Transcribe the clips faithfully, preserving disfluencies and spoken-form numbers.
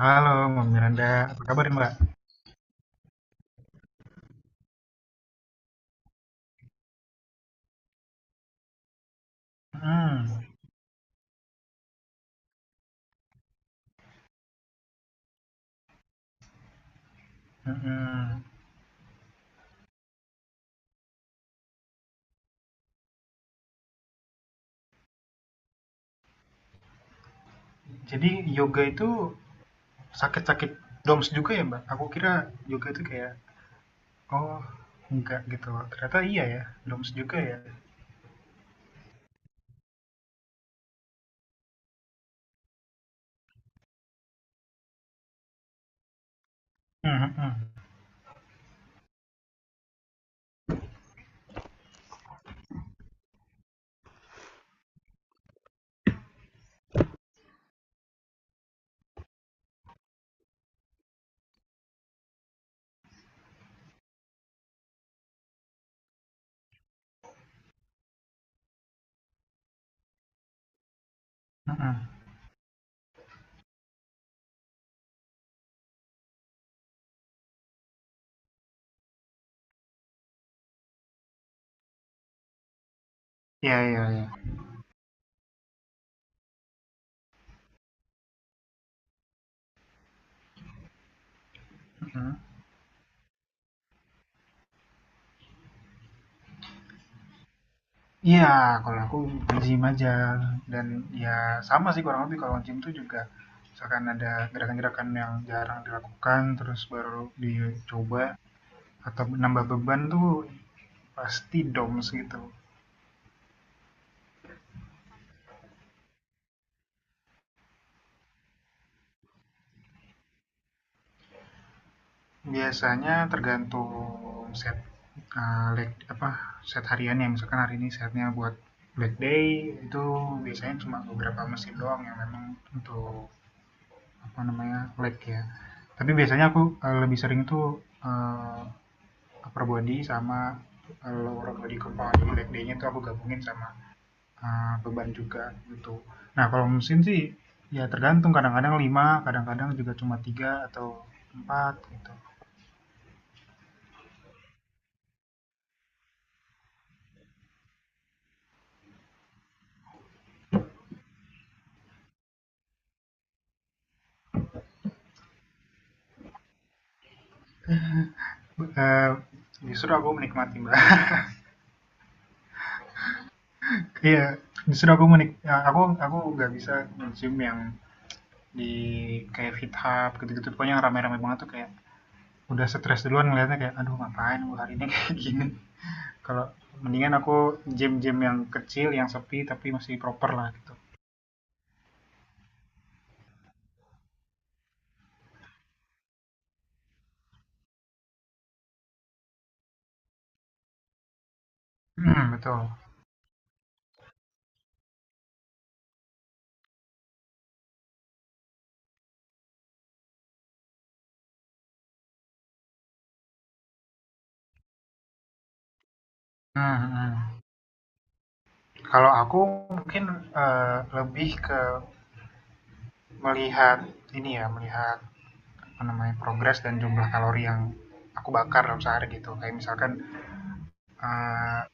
Halo, Mbak Miranda. Apa kabar, Mbak? Mhm, mhm. Jadi yoga itu sakit-sakit D O M S juga ya, Mbak? Aku kira yoga itu kayak, oh, enggak gitu. Ternyata iya ya, D O M S juga ya. Mhm, mhm, mhm. Iya, iya, iya. Mhm. Iya, kalau aku nge-gym aja. Dan ya sama sih kurang lebih kalau nge-gym tuh juga misalkan ada gerakan-gerakan yang jarang dilakukan, terus baru dicoba atau nambah beban tuh pasti D O M S gitu. Biasanya tergantung set eh, leg apa set hariannya. Misalkan hari ini setnya buat Black Day itu biasanya cuma beberapa mesin doang yang memang untuk apa namanya leg ya. Tapi biasanya aku eh, lebih sering tuh eh, upper body sama eh, lower body compound. Jadi leg day-nya tuh aku gabungin sama eee, beban juga gitu. Nah kalau musim sih, ya tergantung kadang-kadang lima, kadang-kadang juga cuma tiga atau empat gitu. Eee, Justru aku menikmati, Mbak, iya yeah, justru aku menik ya, aku aku nggak bisa musim yang di kayak fit hop gitu-gitu, pokoknya yang rame-rame banget tuh kayak udah stres duluan ngelihatnya kayak, "Aduh, ngapain gua hari ini kayak gini." Kalau mendingan aku gym-gym yang kecil, yang sepi tapi masih proper lah gitu. Mhm, betul. Mhm, mhm. Kalau aku mungkin eh, lebih ke melihat ini ya, melihat apa namanya progres dan jumlah kalori yang aku bakar dalam sehari gitu. Kayak misalkan eh,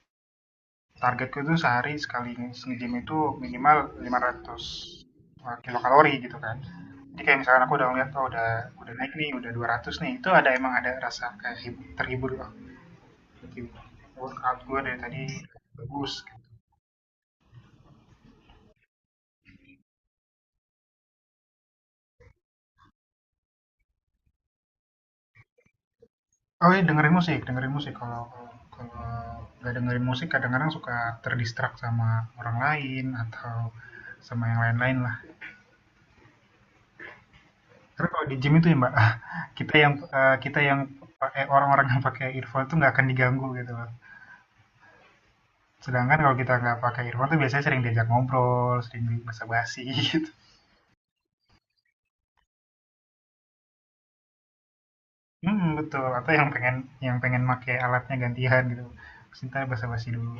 targetku tuh sehari sekali nge-gym itu minimal lima ratus kilokalori gitu kan. Jadi kayak misalkan aku udah ngeliat, oh udah udah naik nih, udah dua ratus nih, itu ada emang ada rasa kayak hib- terhibur loh. Jadi, workout gue dari tadi bagus. gitu. Oh iya, dengerin musik, dengerin musik. Kalau kalau nggak dengerin musik kadang-kadang suka ter sama orang lain atau sama yang lain-lain lah. Terus kalau di gym itu ya, Mbak, kita yang, eee, kita yang pakai, orang-orang yang pakai earphone itu nggak akan diganggu gitu loh. Sedangkan kalau kita nggak pakai earphone tuh biasanya sering diajak ngobrol, sering di basa-basi gitu. Hmm, betul, atau yang pengen yang pengen pakai alatnya gantian gitu, terus entar basa-basi dulu.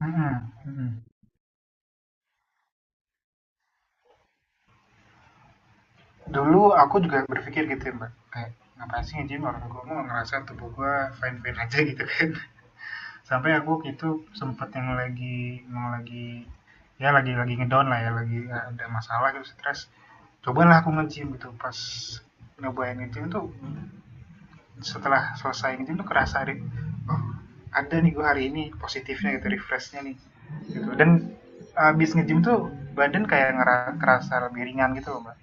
Hmm. Mhm. Dulu aku juga berpikir gitu ya, mbak, kayak ngapain sih nge-gym, orang gue mau ngerasa tubuh gue fine fine aja gitu kan. Sampai aku itu sempet yang lagi mau lagi ya lagi lagi ngedown lah, ya lagi ada masalah gitu, stres. Cobalah aku nge-gym gitu. Pas nyobain nge-gym tuh, setelah selesai nge-gym tuh kerasa deh, oh, ada nih gue hari ini positifnya gitu, refreshnya nih gitu. Dan abis nge-gym tuh badan kayak ngerasa lebih ringan gitu loh, mbak.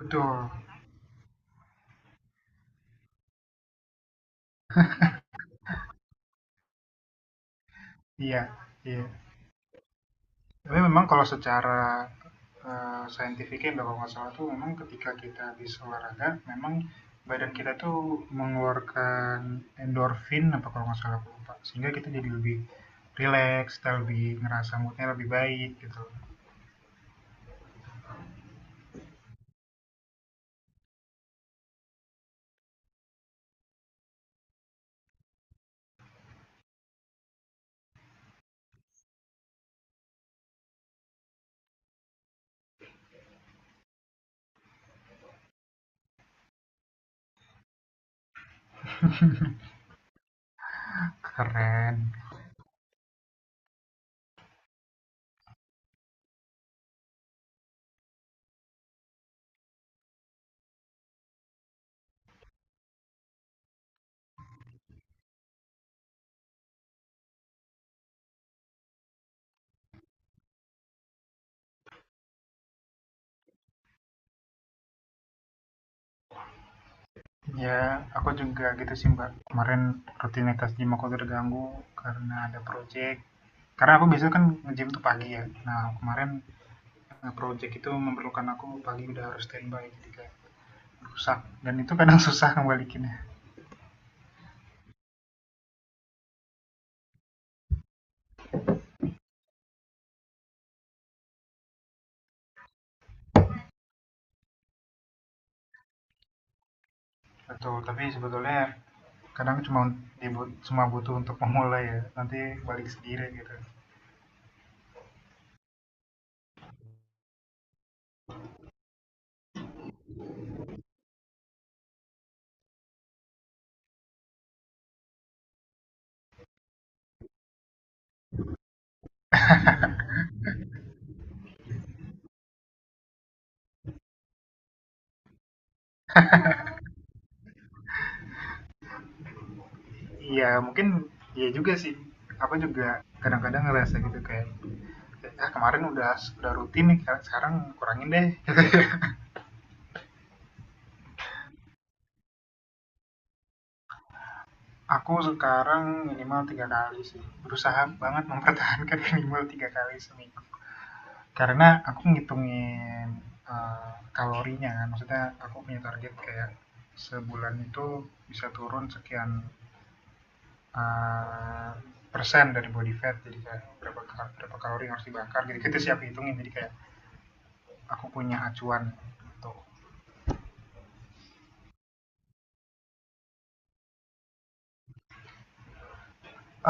Betul. Iya, iya. Tapi memang kalau secara, eee, saintifiknya kalau nggak salah tuh memang ketika kita habis olahraga, memang badan kita tuh mengeluarkan endorfin apa kalau nggak salah, aku lupa. Sehingga kita jadi lebih rileks, kita lebih ngerasa moodnya lebih baik gitu. Keren. Ya, aku juga gitu sih, Mbak. Kemarin rutinitas gym aku terganggu karena ada project. Karena aku biasanya kan nge-gym tuh pagi ya. Nah, kemarin, eee, projek itu memerlukan aku pagi udah harus standby, jadi kayak rusak, dan itu kadang susah ngebalikinnya. Betul, tapi sebetulnya kadang cuma dibu- cuma butuh untuk memulai ya, nanti balik sendiri gitu. Iya, mungkin. Iya juga sih, aku juga kadang-kadang ngerasa gitu kayak, ah, kemarin udah udah rutin nih, sekarang kurangin deh. Aku sekarang minimal tiga kali sih, berusaha banget mempertahankan minimal tiga kali seminggu. Karena aku ngitungin, eee, kalorinya kan, maksudnya aku punya target kayak sebulan itu bisa turun sekian, eee, persen dari body fat, jadi kayak berapa berapa kalori yang harus dibakar, jadi kita siap hitungin, jadi kayak aku punya acuan gitu.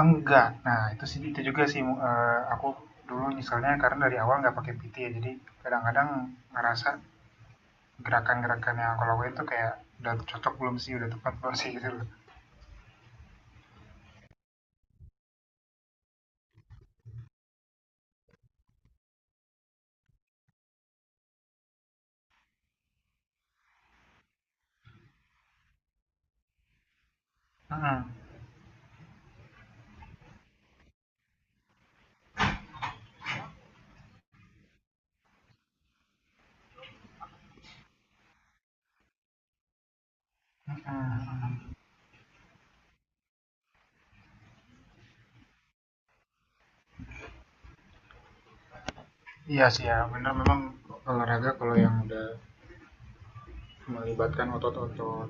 Enggak, nah itu sih, itu juga sih, eee, aku dulu misalnya karena dari awal nggak pakai P T ya, jadi kadang-kadang ngerasa gerakan-gerakan yang aku lakuin tuh kayak udah cocok belum sih, udah tepat belum sih gitu loh. Mhm. Mm-mm. Iya sih ya, benar, memang olahraga kalau yang udah melibatkan otot-otot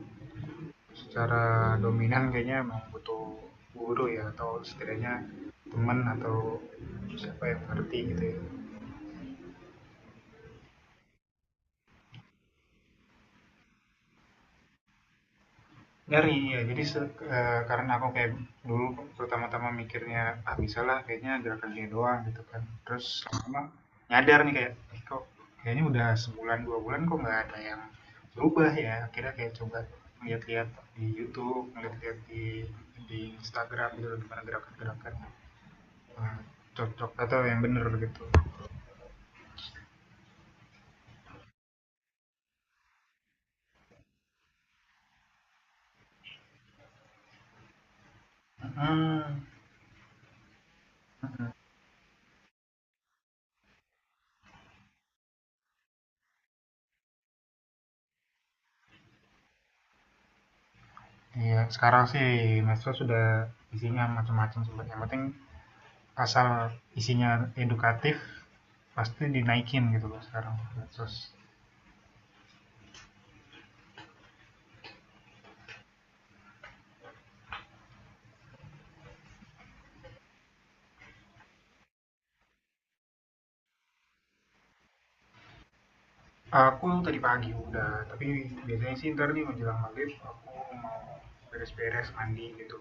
secara dominan kayaknya memang butuh guru ya, atau setidaknya teman atau siapa yang ngerti gitu ya. Ngeri, ya. Jadi, se eh, karena aku kayak dulu pertama-tama mikirnya, "Ah, bisalah kayaknya gerakan ini doang," gitu kan. Terus lama-lama nyadar nih kayak, "Ih, kok kayaknya udah sebulan, dua bulan kok nggak ada yang berubah ya?" Akhirnya kayak coba lihat-lihat di YouTube, lihat-lihat di di Instagram gitu gimana gerakan-gerakan, eee, cocok atau yang bener gitu. Mhm, mhm. Iya, uh-huh, uh-huh. Sekarang sih mesra sudah isinya macam-macam sebenarnya, yang penting asal isinya edukatif pasti dinaikin gitu loh sekarang, terus. Aku tadi pagi udah, tapi biasanya sih ntar nih menjelang maghrib aku mau beres-beres mandi gitu.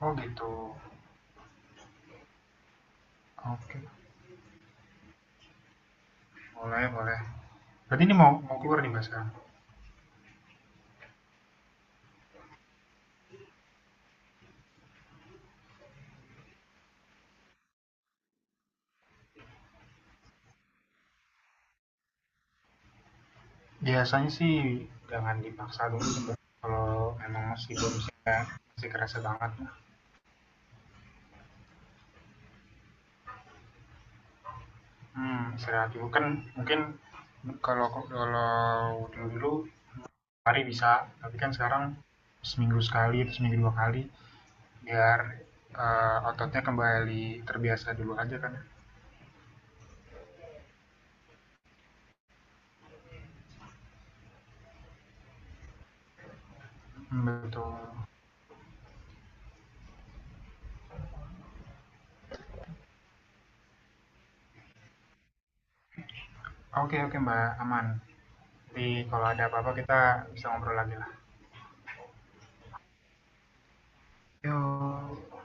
Oh, gitu. Oke, boleh, boleh. Berarti ini mau mau keluar nih, mas, sekarang? Biasanya sih jangan dipaksa dulu, kalau memang masih belum siap, masih kerasa banget. Hmm, istirahat dulu kan mungkin. Kalau kalau dulu dulu hari bisa, tapi kan sekarang seminggu sekali atau seminggu dua kali biar eh, ototnya kembali terbiasa dulu aja kan. Hmm, betul. Oke, oke, mbak, aman. Jadi kalau ada apa-apa kita bisa ngobrol lagi lah. Yuk.